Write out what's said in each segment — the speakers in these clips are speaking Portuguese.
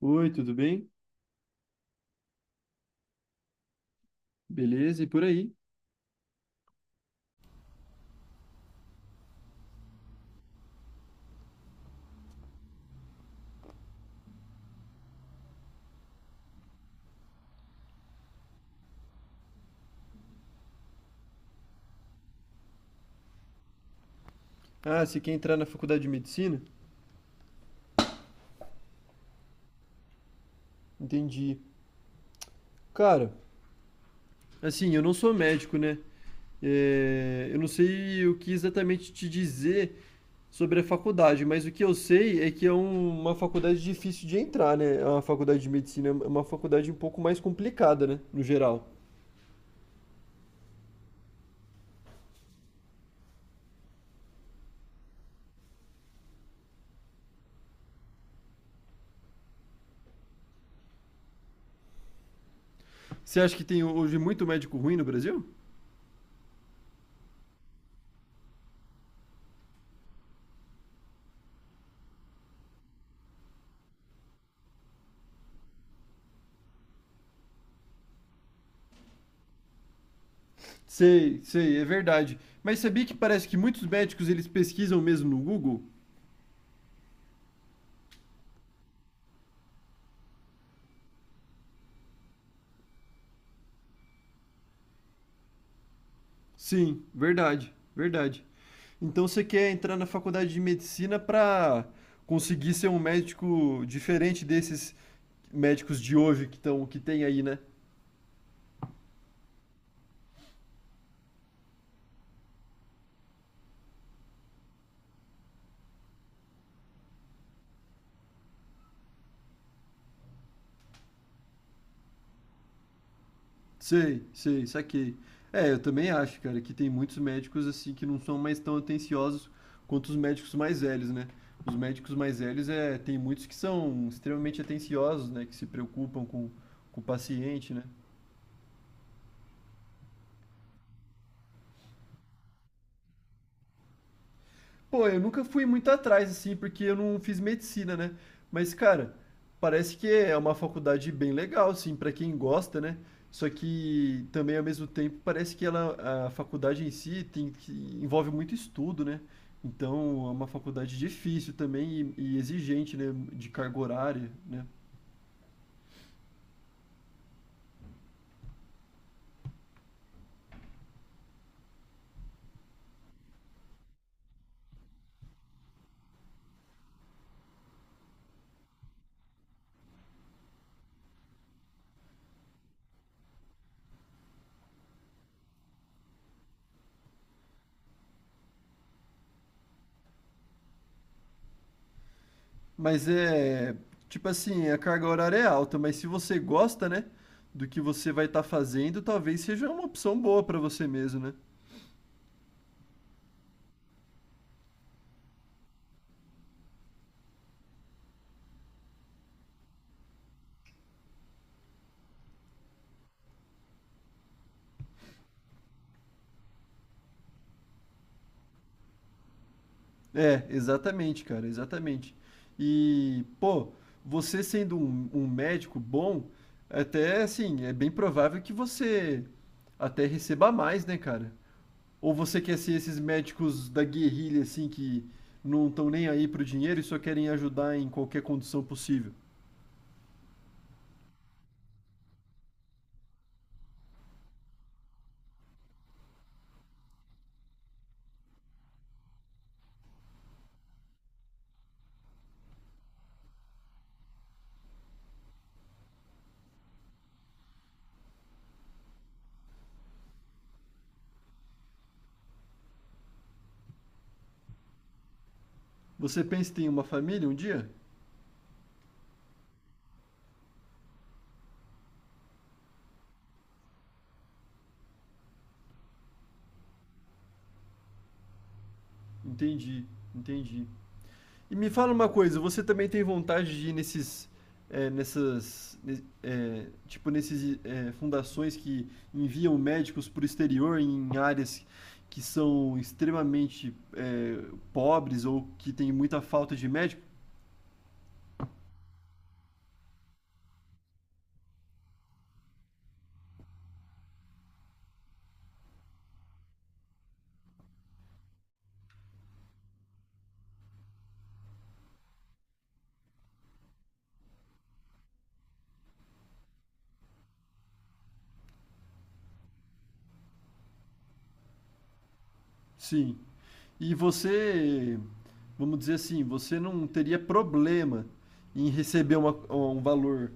Oi, tudo bem? Beleza, e por aí? Ah, você quer entrar na faculdade de medicina? Entendi. Cara, assim, eu não sou médico, né? É, eu não sei o que exatamente te dizer sobre a faculdade, mas o que eu sei é que uma faculdade difícil de entrar, né? A faculdade de medicina é uma faculdade um pouco mais complicada, né? No geral. Você acha que tem hoje muito médico ruim no Brasil? Sei, sei, é verdade. Mas sabia que parece que muitos médicos eles pesquisam mesmo no Google? Sim, verdade, verdade. Então você quer entrar na faculdade de medicina para conseguir ser um médico diferente desses médicos de hoje que tem aí, né? Sei, sei, saquei. É, eu também acho, cara, que tem muitos médicos assim que não são mais tão atenciosos quanto os médicos mais velhos, né? Os médicos mais velhos é, tem muitos que são extremamente atenciosos, né? Que se preocupam com o paciente, né? Pô, eu nunca fui muito atrás, assim, porque eu não fiz medicina, né? Mas, cara, parece que é uma faculdade bem legal, assim, pra quem gosta, né? Só que também, ao mesmo tempo, parece que ela, a faculdade em si envolve muito estudo, né? Então, é uma faculdade difícil também e exigente, né? De carga horária, né? Mas é, tipo assim, a carga horária é alta, mas se você gosta, né? Do que você vai estar fazendo, talvez seja uma opção boa pra você mesmo, né? É, exatamente, cara, exatamente. E, pô, você sendo um médico bom, até assim, é bem provável que você até receba mais, né, cara? Ou você quer ser esses médicos da guerrilha, assim, que não estão nem aí pro dinheiro e só querem ajudar em qualquer condição possível? Você pensa em ter uma família um dia? Entendi, entendi. E me fala uma coisa, você também tem vontade de ir nesses, eh, nessas, ne- eh, tipo nesses eh, fundações que enviam médicos para o exterior em áreas que são extremamente pobres ou que tem muita falta de médico? Sim. E você, vamos dizer assim, você não teria problema em receber um valor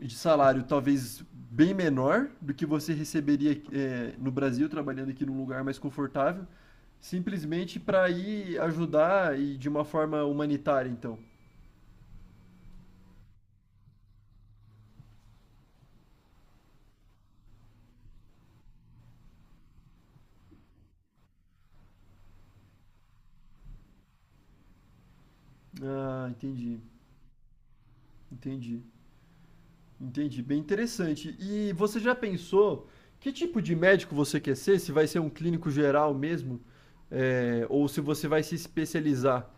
de salário talvez bem menor do que você receberia é, no Brasil, trabalhando aqui num lugar mais confortável, simplesmente para ir ajudar e de uma forma humanitária, então. Ah, entendi, entendi, entendi. Bem interessante. E você já pensou que tipo de médico você quer ser? Se vai ser um clínico geral mesmo? É, ou se você vai se especializar?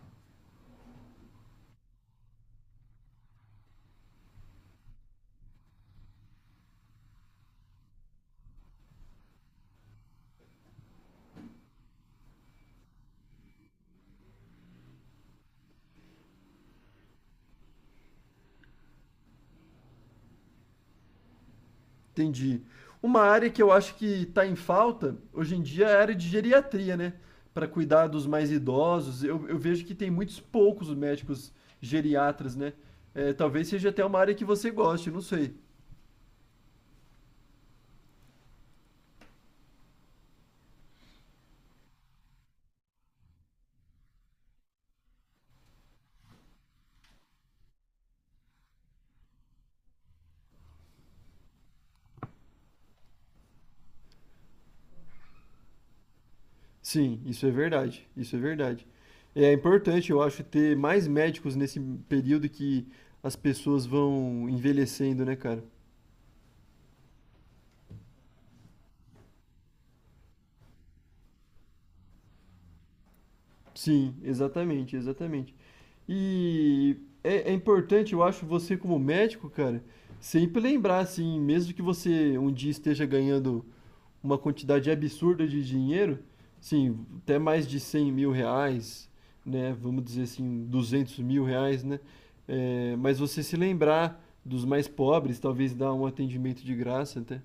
Entendi. Uma área que eu acho que está em falta hoje em dia é a área de geriatria, né? Para cuidar dos mais idosos. Eu vejo que tem muitos poucos médicos geriatras, né? É, talvez seja até uma área que você goste, não sei. Sim, isso é verdade. Isso é verdade. É importante, eu acho, ter mais médicos nesse período que as pessoas vão envelhecendo, né, cara? Sim, exatamente, exatamente. E é importante, eu acho, você como médico, cara, sempre lembrar, assim, mesmo que você um dia esteja ganhando uma quantidade absurda de dinheiro, sim, até mais de R$ 100.000, né? Vamos dizer assim, R$ 200.000, né? É, mas você se lembrar dos mais pobres, talvez dar um atendimento de graça até.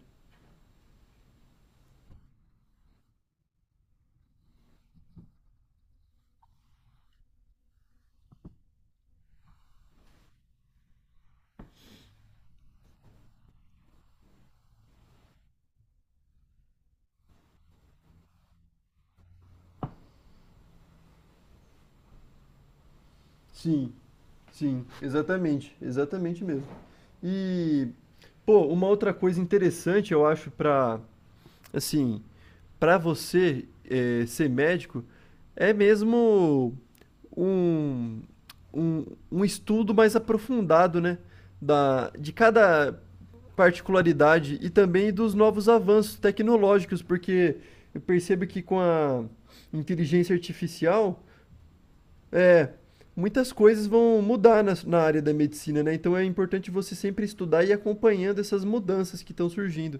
Sim, sim, exatamente, exatamente mesmo. E, pô, uma outra coisa interessante, eu acho, pra, assim, pra você ser médico, é mesmo um, um, um estudo mais aprofundado, né? De cada particularidade e também dos novos avanços tecnológicos, porque eu percebo que com a inteligência artificial é, muitas coisas vão mudar na área da medicina, né? Então é importante você sempre estudar e ir acompanhando essas mudanças que estão surgindo.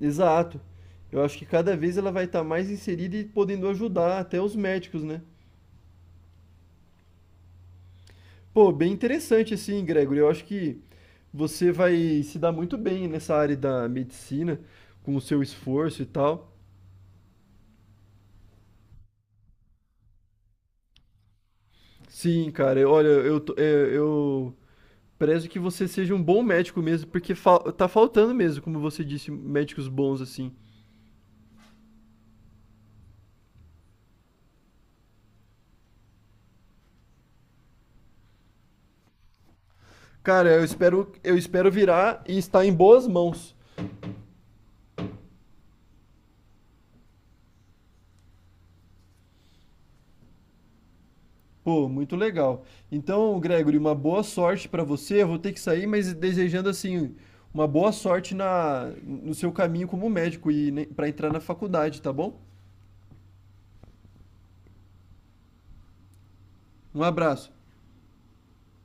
Exato. Eu acho que cada vez ela vai estar mais inserida e podendo ajudar até os médicos, né? Pô, bem interessante assim, Gregory. Eu acho que você vai se dar muito bem nessa área da medicina, com o seu esforço e tal. Sim, cara. Olha, é, eu prezo que você seja um bom médico mesmo, porque fal tá faltando mesmo, como você disse, médicos bons assim. Cara, eu espero virar e estar em boas mãos. Pô, muito legal. Então, Gregory, uma boa sorte pra você. Eu vou ter que sair, mas desejando assim uma boa sorte no seu caminho como médico e né, para entrar na faculdade, tá bom? Um abraço.